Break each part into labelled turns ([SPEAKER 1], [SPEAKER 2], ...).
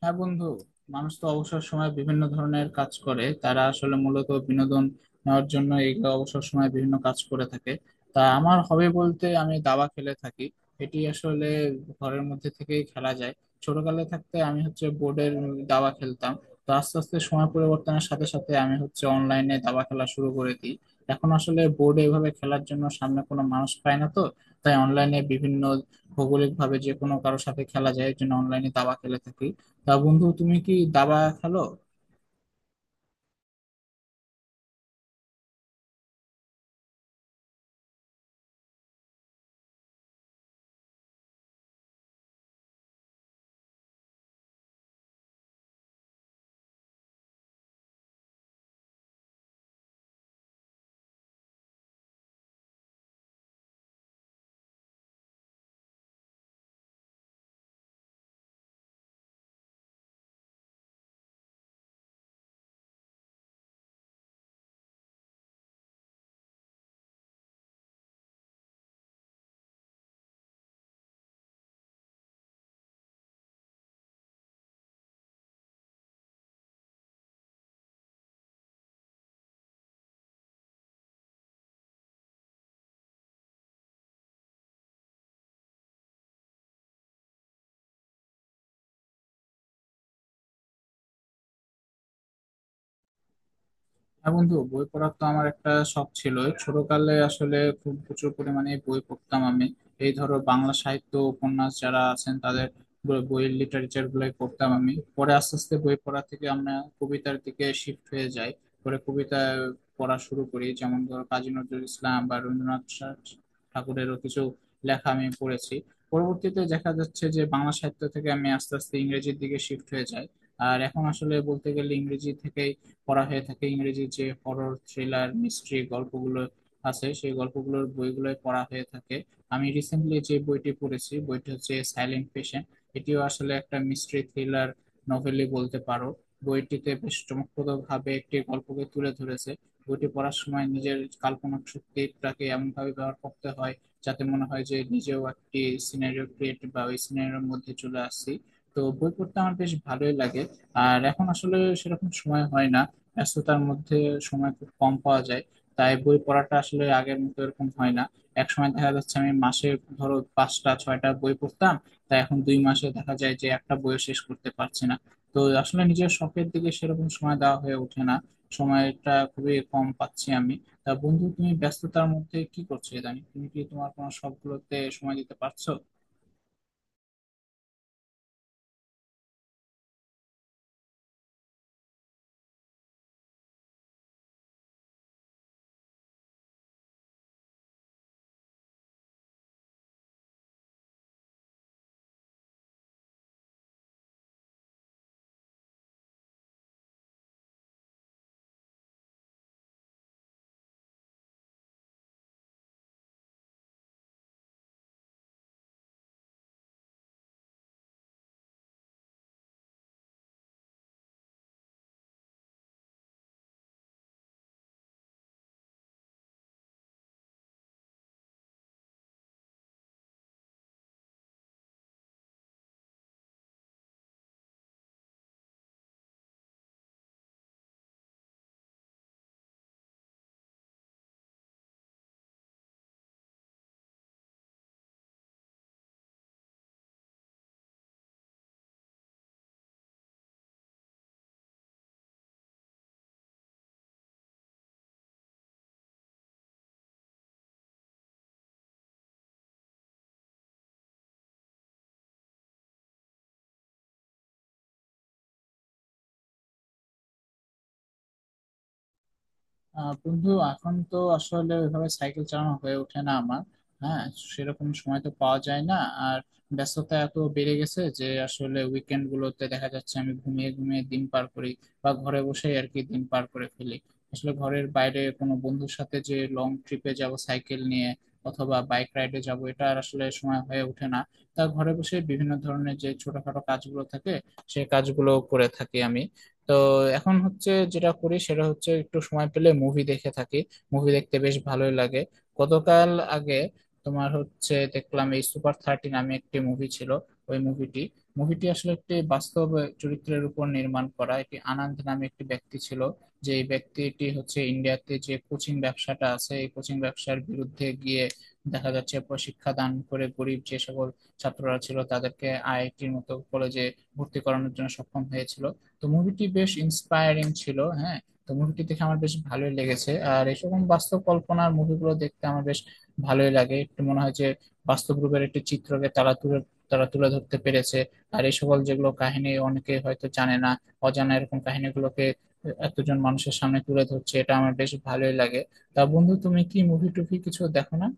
[SPEAKER 1] হ্যাঁ বন্ধু, মানুষ তো অবসর সময় বিভিন্ন ধরনের কাজ করে। তারা আসলে মূলত বিনোদন নেওয়ার জন্য এই অবসর সময় বিভিন্ন কাজ করে থাকে। তা আমার হবে বলতে আমি দাবা খেলে থাকি। এটি আসলে ঘরের মধ্যে থেকেই খেলা যায়। ছোটকালে থাকতে আমি হচ্ছে বোর্ডের দাবা খেলতাম। তো আস্তে আস্তে সময় পরিবর্তনের সাথে সাথে আমি হচ্ছে অনলাইনে দাবা খেলা শুরু করে দিই। এখন আসলে বোর্ডে এভাবে খেলার জন্য সামনে কোনো মানুষ পায় না, তো তাই অনলাইনে বিভিন্ন ভৌগোলিক ভাবে যে কোনো কারোর সাথে খেলা যায়, এর জন্য অনলাইনে দাবা খেলে থাকি। তা বন্ধু, তুমি কি দাবা খেলো? হ্যাঁ বন্ধু, বই পড়ার তো আমার একটা শখ ছিল। ছোটকালে আসলে খুব প্রচুর পরিমাণে বই পড়তাম আমি। এই ধরো বাংলা সাহিত্য উপন্যাস যারা আছেন তাদের বইয়ের লিটারেচার গুলোই পড়তাম আমি। পরে আস্তে আস্তে বই পড়া থেকে আমরা কবিতার দিকে শিফট হয়ে যাই। পরে কবিতা পড়া শুরু করি, যেমন ধরো কাজী নজরুল ইসলাম বা রবীন্দ্রনাথ ঠাকুরেরও কিছু লেখা আমি পড়েছি। পরবর্তীতে দেখা যাচ্ছে যে বাংলা সাহিত্য থেকে আমি আস্তে আস্তে ইংরেজির দিকে শিফট হয়ে যাই। আর এখন আসলে বলতে গেলে ইংরেজি থেকে পড়া হয়ে থাকে। ইংরেজির যে হরর, থ্রিলার, মিস্ট্রি গল্পগুলো আছে, সেই গল্পগুলোর বইগুলো পড়া হয়ে থাকে। আমি রিসেন্টলি যে বইটি পড়েছি, বইটি হচ্ছে সাইলেন্ট পেশেন্ট। এটিও আসলে একটা মিস্ট্রি থ্রিলার নভেলই বলতে পারো। বইটিতে বেশ চমকপ্রদ ভাবে একটি গল্পকে তুলে ধরেছে। বইটি পড়ার সময় নিজের কাল্পনিক শক্তিটাকে এমন ভাবে ব্যবহার করতে হয় যাতে মনে হয় যে নিজেও একটি সিনারিও ক্রিয়েট বা ওই সিনারিওর মধ্যে চলে আসছি। তো বই পড়তে আমার বেশ ভালোই লাগে। আর এখন আসলে সেরকম সময় হয় না, ব্যস্ততার মধ্যে সময় খুব কম পাওয়া যায়। তাই বই পড়াটা আসলে আগের মতো এরকম হয় না। এক সময় দেখা যাচ্ছে আমি মাসে ধরো পাঁচটা ছয়টা বই পড়তাম, তাই এখন 2 মাসে দেখা যায় যে একটা বইও শেষ করতে পারছি না। তো আসলে নিজের শখের দিকে সেরকম সময় দেওয়া হয়ে ওঠে না, সময়টা খুবই কম পাচ্ছি আমি। তা বন্ধু, তুমি ব্যস্ততার মধ্যে কি করছো? ইদানিং তুমি কি তোমার কোনো শখগুলোতে সময় দিতে পারছো? আহ বন্ধু, এখন তো আসলে ওইভাবে সাইকেল চালানো হয়ে ওঠে না আমার। হ্যাঁ, সেরকম সময় তো পাওয়া যায় না। আর ব্যস্ততা এত বেড়ে গেছে যে আসলে উইকেন্ড গুলোতে দেখা যাচ্ছে আমি ঘুমিয়ে ঘুমিয়ে দিন পার করি বা ঘরে বসেই আর কি দিন পার করে ফেলি। আসলে ঘরের বাইরে কোনো বন্ধুর সাথে যে লং ট্রিপে যাব সাইকেল নিয়ে, অথবা বাইক রাইডে যাব, এটা আর আসলে সময় হয়ে ওঠে না। তা ঘরে বসে বিভিন্ন ধরনের যে ছোটখাটো কাজগুলো থাকে সেই কাজগুলো করে থাকি আমি। তো এখন হচ্ছে যেটা করি সেটা হচ্ছে একটু সময় পেলে মুভি দেখে থাকি। মুভি দেখতে বেশ ভালোই লাগে। গতকাল আগে তোমার হচ্ছে দেখলাম, এই সুপার 30 নামে একটি মুভি ছিল। ওই মুভিটি মুভিটি আসলে একটি বাস্তব চরিত্রের উপর নির্মাণ করা। একটি আনন্দ নামে একটি ব্যক্তি ছিল, যে এই ব্যক্তিটি হচ্ছে ইন্ডিয়াতে যে কোচিং ব্যবসাটা আছে এই কোচিং ব্যবসার বিরুদ্ধে গিয়ে দেখা যাচ্ছে শিক্ষাদান করে গরিব যে সকল ছাত্ররা ছিল তাদেরকে আইআইটির মতো কলেজে ভর্তি করানোর জন্য সক্ষম হয়েছিল। তো মুভিটি বেশ ইন্সপায়ারিং ছিল, হ্যাঁ। তো মুভিটি দেখে আমার বেশ ভালোই লেগেছে। আর এরকম বাস্তব কল্পনার মুভিগুলো দেখতে আমার বেশ ভালোই লাগে। একটু মনে হয় যে বাস্তব রূপের একটি চিত্রকে তারা তুলে ধরতে পেরেছে। আর এই সকল যেগুলো কাহিনী অনেকে হয়তো জানে না, অজানা এরকম কাহিনীগুলোকে এতজন মানুষের সামনে তুলে ধরছে, এটা আমার বেশ ভালোই লাগে। তা বন্ধু, তুমি কি মুভি টুভি কিছু দেখো না?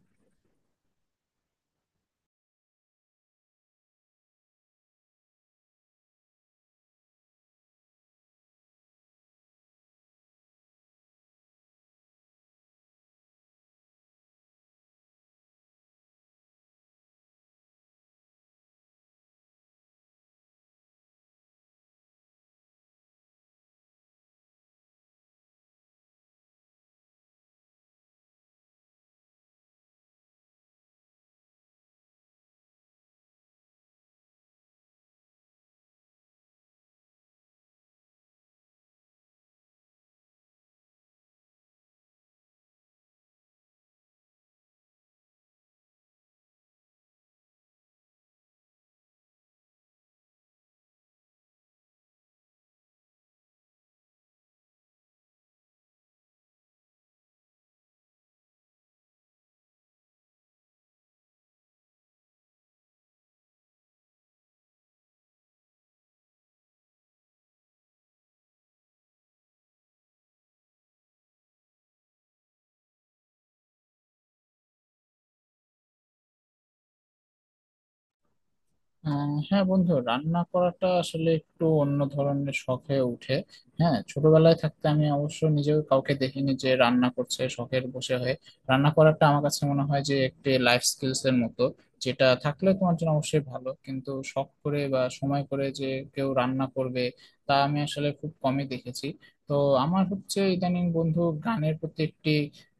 [SPEAKER 1] হ্যাঁ বন্ধু, রান্না করাটা আসলে একটু অন্য ধরনের শখ হয়ে উঠে। হ্যাঁ, ছোটবেলায় থাকতে আমি অবশ্য নিজেও কাউকে দেখিনি যে রান্না করছে শখের বসে হয়ে। রান্না করাটা আমার কাছে মনে হয় যে একটি লাইফ স্কিলস এর মতো, যেটা থাকলে তোমার জন্য অবশ্যই ভালো। কিন্তু শখ করে বা সময় করে যে কেউ রান্না করবে, তা আমি আসলে খুব কমই দেখেছি। তো আমার হচ্ছে ইদানিং বন্ধু, গানের প্রতি একটি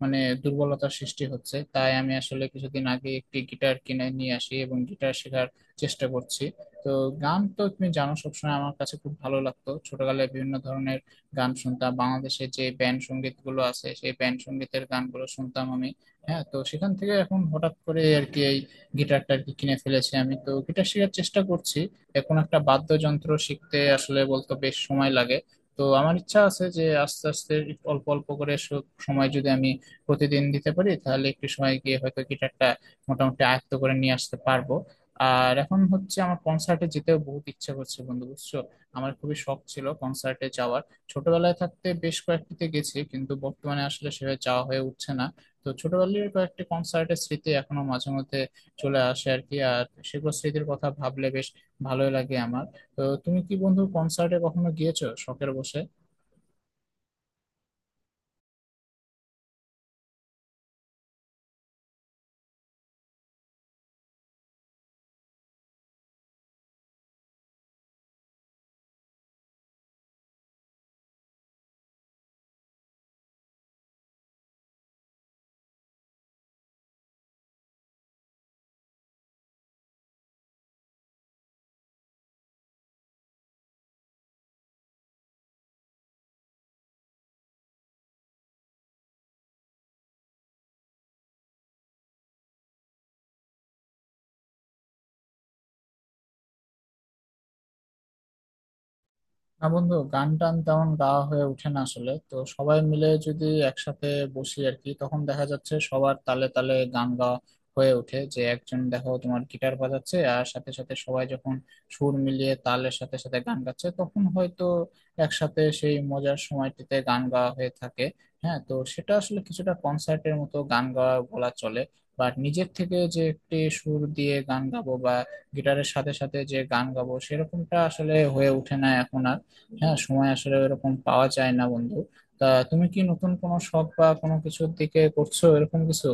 [SPEAKER 1] মানে দুর্বলতার সৃষ্টি হচ্ছে। তাই আমি আসলে কিছুদিন আগে একটি গিটার কিনে নিয়ে আসি এবং গিটার শেখার চেষ্টা করছি। তো গান তো তুমি জানো, সবসময় আমার কাছে খুব ভালো লাগতো। ছোটবেলায় বিভিন্ন ধরনের গান শুনতাম, বাংলাদেশের যে ব্যান্ড সঙ্গীত গুলো আছে সেই ব্যান্ড সঙ্গীতের গানগুলো শুনতাম আমি। হ্যাঁ, তো সেখান থেকে এখন হঠাৎ করে আর কি এই গিটারটা আর কি কিনে ফেলেছি আমি, তো গিটার শেখার চেষ্টা করছি এখন। একটা বাদ্যযন্ত্র শিখতে আসলে বলতো বেশ সময় লাগে। তো আমার ইচ্ছা আছে যে আস্তে আস্তে একটু অল্প অল্প করে সময় যদি আমি প্রতিদিন দিতে পারি, তাহলে একটু সময় গিয়ে হয়তো গিটারটা মোটামুটি আয়ত্ত করে নিয়ে আসতে পারবো। আর এখন হচ্ছে আমার কনসার্টে যেতেও বহুত ইচ্ছা করছে বন্ধু, বুঝছো? আমার খুবই শখ ছিল কনসার্টে যাওয়ার। ছোটবেলায় থাকতে বেশ কয়েকটিতে গেছি, কিন্তু বর্তমানে আসলে সেভাবে যাওয়া হয়ে উঠছে না। তো ছোটবেলার কয়েকটি কনসার্টের স্মৃতি এখনো মাঝে মধ্যে চলে আসে আর কি। আর সেগুলো স্মৃতির কথা ভাবলে বেশ ভালোই লাগে আমার। তো তুমি কি বন্ধু কনসার্টে কখনো গিয়েছো শখের বসে? না বন্ধু, গান টান তেমন গাওয়া হয়ে ওঠে না। আসলে তো সবাই মিলে যদি একসাথে বসি আর কি, তখন দেখা যাচ্ছে সবার তালে তালে গান গাওয়া হয়ে ওঠে। যে একজন দেখো তোমার গিটার বাজাচ্ছে আর সাথে সাথে সবাই যখন সুর মিলিয়ে তালের সাথে সাথে গান গাচ্ছে, তখন হয়তো একসাথে সেই মজার সময়টিতে গান গাওয়া হয়ে থাকে। হ্যাঁ, তো সেটা আসলে কিছুটা কনসার্টের মতো গান গাওয়া বলা চলে। বাট নিজের থেকে যে একটি সুর দিয়ে গান গাবো বা গিটারের সাথে সাথে যে গান গাবো, সেরকমটা আসলে হয়ে ওঠে না এখন আর। হ্যাঁ, সময় আসলে এরকম পাওয়া যায় না বন্ধু। তা তুমি কি নতুন কোনো শখ বা কোনো কিছুর দিকে করছো এরকম কিছু?